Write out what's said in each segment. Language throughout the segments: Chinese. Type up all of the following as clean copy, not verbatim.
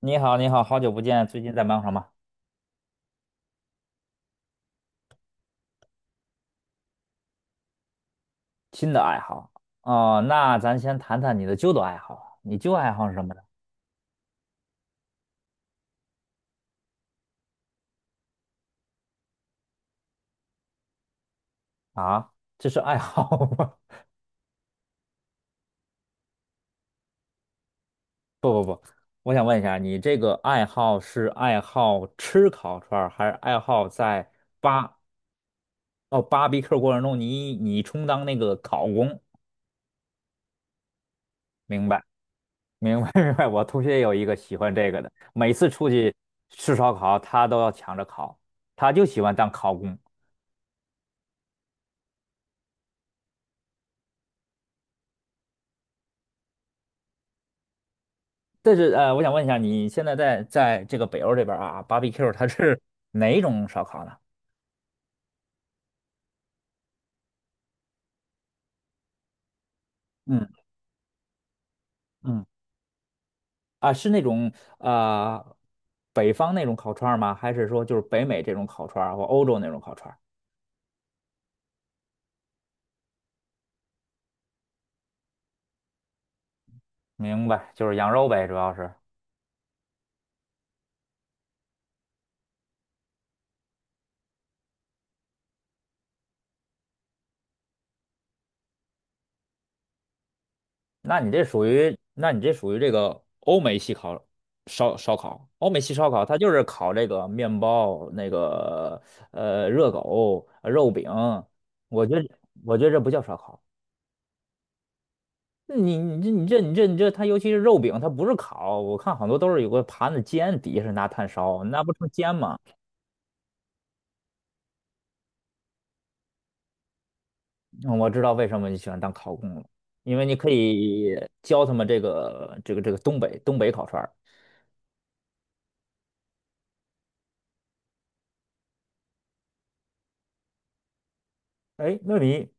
你好，你好，好久不见，最近在忙什么？新的爱好。哦，那咱先谈谈你的旧的爱好。你旧爱好是什么呢？啊，这是爱好吗？我想问一下，你这个爱好是爱好吃烤串儿，还是爱好在巴哦 barbecue 过程中你充当那个烤工？明白，明白，明白。我同学有一个喜欢这个的，每次出去吃烧烤，他都要抢着烤，他就喜欢当烤工。但是我想问一下，你现在在这个北欧这边儿啊，barbecue 它是哪一种烧烤呢？嗯嗯。啊，是那种呃北方那种烤串儿吗？还是说就是北美这种烤串儿或欧洲那种烤串儿？明白，就是羊肉呗，主要是。那你这属于这个欧美系烧烤，欧美系烧烤它就是烤这个面包、那个热狗、肉饼，我觉得我觉得这不叫烧烤。你这，它尤其是肉饼，它不是烤，我看好多都是有个盘子煎，底下是拿炭烧，那不成煎吗？嗯我知道为什么你喜欢当烤工了，因为你可以教他们这个东北烤串儿。哎，那你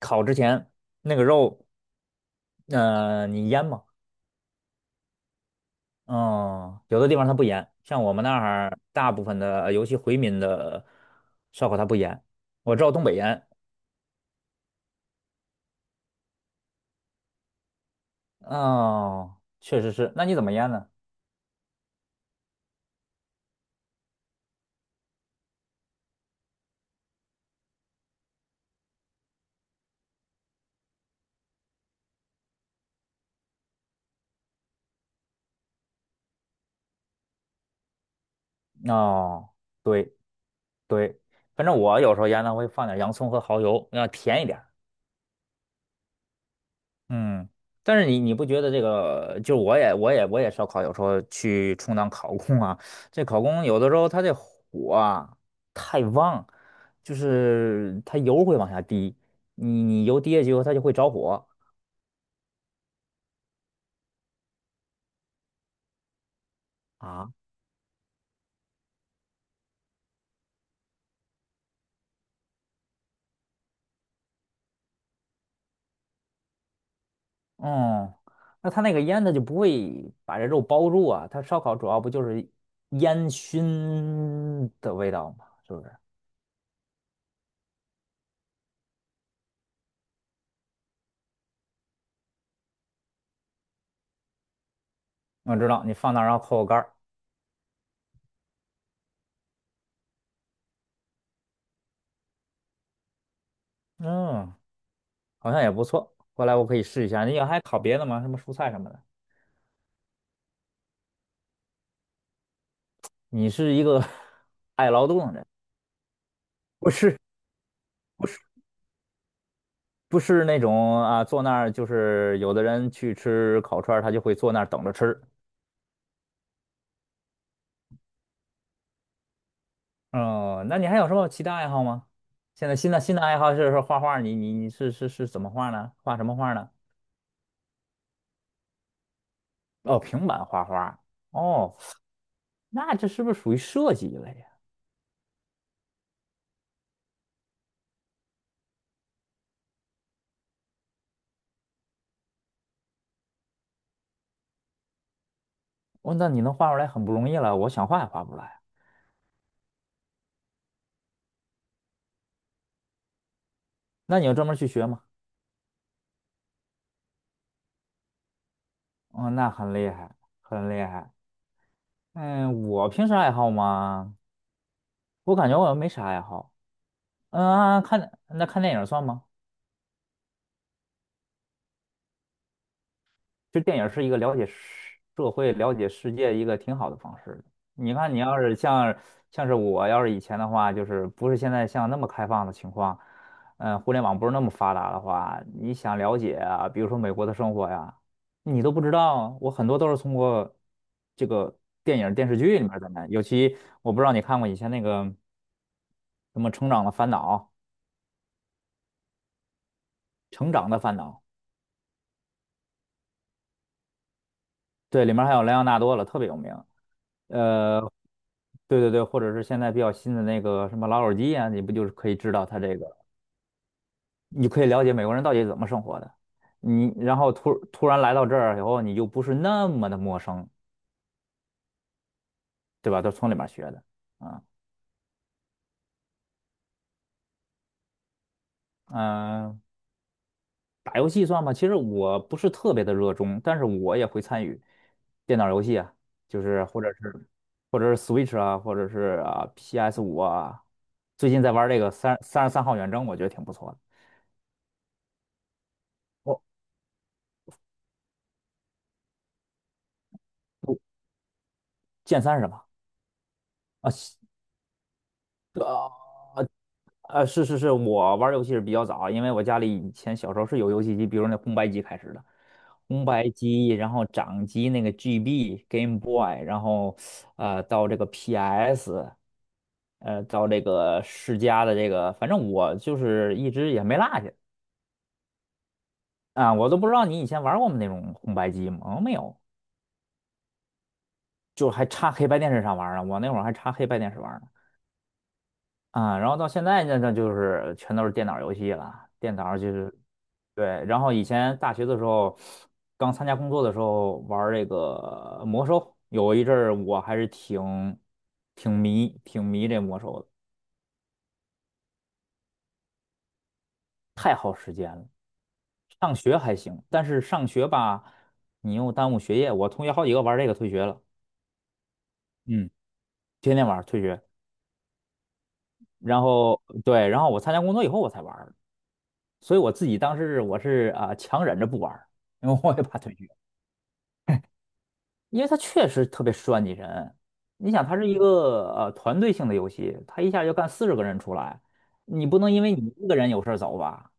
烤之前那个肉，你腌吗？嗯，有的地方它不腌，像我们那儿大部分的，尤其回民的烧烤它不腌，我知道东北腌。嗯，确实是，那你怎么腌呢？哦。对，对，反正我有时候腌呢会放点洋葱和蚝油，要甜一点儿。嗯，但是你不觉得这个，就我也烧烤，有时候去充当烤工啊，这烤工有的时候他这火啊太旺，就是它油会往下滴，你油滴下去以后它就会着火啊？嗯，那它那个烟它就不会把这肉包住啊，它烧烤主要不就是烟熏的味道吗？是不是？我知道你放那儿然后扣个盖儿。嗯，好像也不错。过来我可以试一下。你还烤别的吗？什么蔬菜什么的？你是一个 爱劳动的人，不是不是不是那种啊，坐那儿就是有的人去吃烤串儿，他就会坐那儿等着吃。哦，那你还有什么其他爱好吗？现在新的爱好是画画，你是怎么画呢？画什么画呢？哦，平板画画。哦，那这是不是属于设计一类呀？哦，那你能画出来很不容易了，我想画也画不出来啊。那你要专门去学吗？哦，那很厉害，很厉害。嗯，我平时爱好吗？我感觉我没啥爱好。嗯，那看电影算吗？其实电影是一个了解社会、了解世界一个挺好的方式的。你看，你要是像我要是以前的话，就是不是现在像那么开放的情况，互联网不是那么发达的话，你想了解啊，比如说美国的生活呀，你都不知道。我很多都是通过这个电影、电视剧里面儿的呢。尤其我不知道你看过以前那个什么《成长的烦恼》，《成长的烦恼》，对，里面还有莱昂纳多了，特别有名。呃，对对对，或者是现在比较新的那个什么老友记啊，你不就是可以知道它这个，你可以了解美国人到底怎么生活的。你然后突然来到这儿以后，你就不是那么的陌生，对吧？都是从里面学的啊。嗯、打游戏算吧，其实我不是特别的热衷，但是我也会参与电脑游戏啊，就是或者是 Switch 啊，或者是啊 PS5啊。最近在玩这个三十三号远征，我觉得挺不错的。我我剑三是什么？啊，是是是，我玩儿游戏是比较早，因为我家里以前小时候是有游戏机，比如那红白机开始的，红白机，然后掌机那个 GB Game Boy，然后到这个 PS，到这个世嘉的这个，反正我就是一直也没落下啊，我都不知道你以前玩过我们那种红白机吗？哦没有，就还插黑白电视上玩儿呢，我那会儿还插黑白电视玩儿呢。啊，然后到现在呢，那就是全都是电脑游戏了，电脑就是对。然后以前大学的时候，刚参加工作的时候玩儿这个魔兽，有一阵儿我还是挺迷这魔兽的，太耗时间了。上学还行，但是上学吧，你又耽误学业。我同学好几个玩这个退学了，嗯，天天玩儿退学。然后对，然后我参加工作以后我才玩儿。所以我自己当时我是啊、强忍着不玩儿，因为我也怕退学。因为它确实特别算计人。你想，它是一个团队性的游戏，它一下就干40个人出来，你不能因为你一个人有事儿走吧，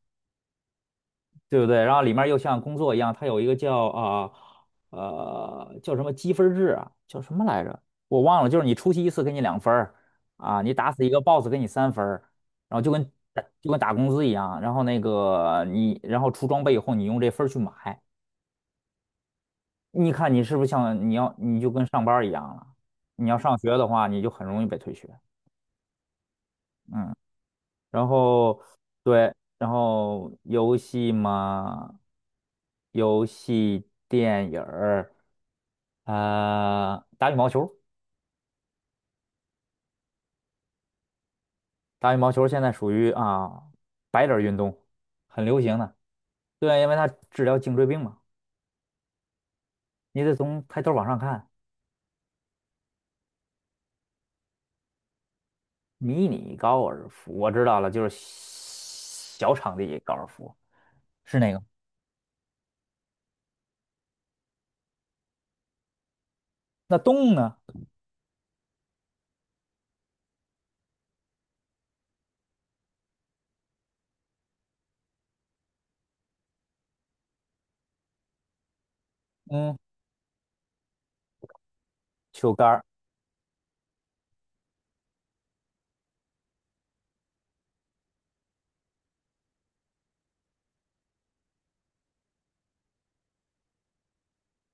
对不对？然后里面又像工作一样，它有一个叫啊呃，叫什么积分制啊，叫什么来着？我忘了，就是你出席一次给你2分儿啊，你打死一个 BOSS 给你3分儿，然后就跟打工资一样，然后那个你然后出装备以后你用这分儿去买。你看你是不是像你要你就跟上班儿一样了？你要上学的话，你就很容易被退学。嗯，然后对，然后游戏嘛，游戏、电影儿，打羽毛球。打羽毛球现在属于啊白领儿运动，很流行的。对，因为它治疗颈椎病嘛，你得从抬头往上看。迷你高尔夫，我知道了，就是小场地高尔夫，是那个。那洞呢？嗯，球杆儿，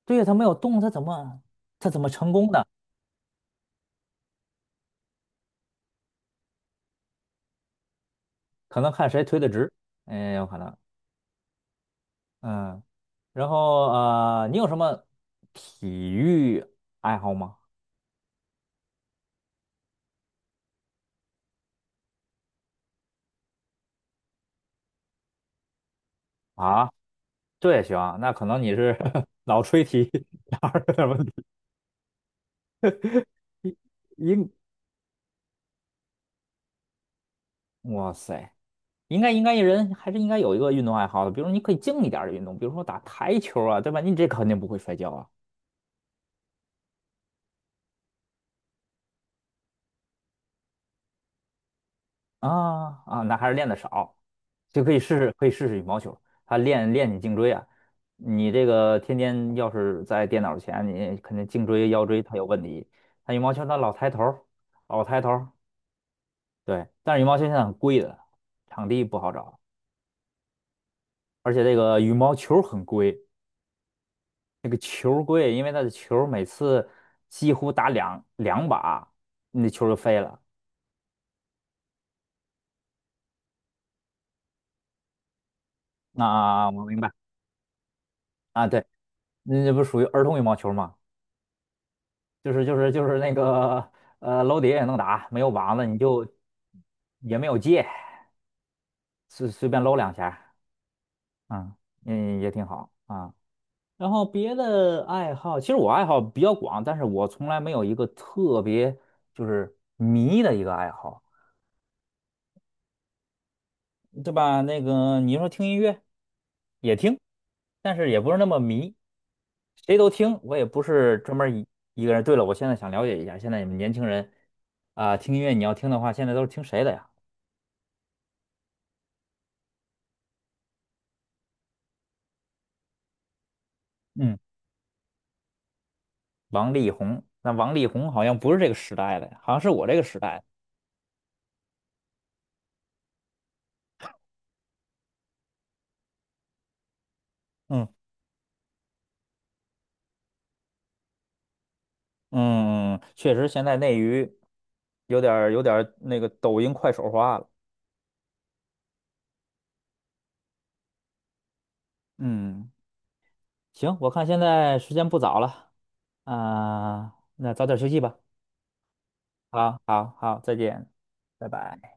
对呀，他没有动，他怎么成功的？可能看谁推的直，哎，有可能，嗯，然后你有什么体育爱好吗？啊，这也行啊，那可能你是 脑吹题，哪儿有点问题？应，哇塞，应该一人还是应该有一个运动爱好的，比如你可以静一点儿的运动，比如说打台球啊，对吧？你这肯定不会摔跤啊。啊啊，那还是练的少，就可以试试，可以试试羽毛球，它练练你颈椎啊。你这个天天要是在电脑前，你肯定颈椎、腰椎它有问题。它羽毛球它老抬头儿，老抬头儿。对，但是羽毛球现在很贵的，场地不好找，而且这个羽毛球很贵，那个球儿贵，因为它的球儿每次几乎打两把，你的球儿就飞了。啊，我明白啊，对，那这不属于儿童羽毛球吗？就是那个楼底下也能打，没有网子你就也没有界，随便搂两下啊，嗯，嗯也挺好啊。然后别的爱好，其实我爱好比较广，但是我从来没有一个特别就是迷的一个爱好，对吧？那个你说听音乐也听，但是也不是那么迷，谁都听，我也不是专门一个人。对了，我现在想了解一下，现在你们年轻人啊，听音乐你要听的话，现在都是听谁的呀？嗯，王力宏，那王力宏好像不是这个时代的，好像是我这个时代的。嗯嗯，确实现在内娱有点儿那个抖音快手化了。嗯，行，我看现在时间不早了啊，那早点休息吧。好，好，好，再见，拜拜。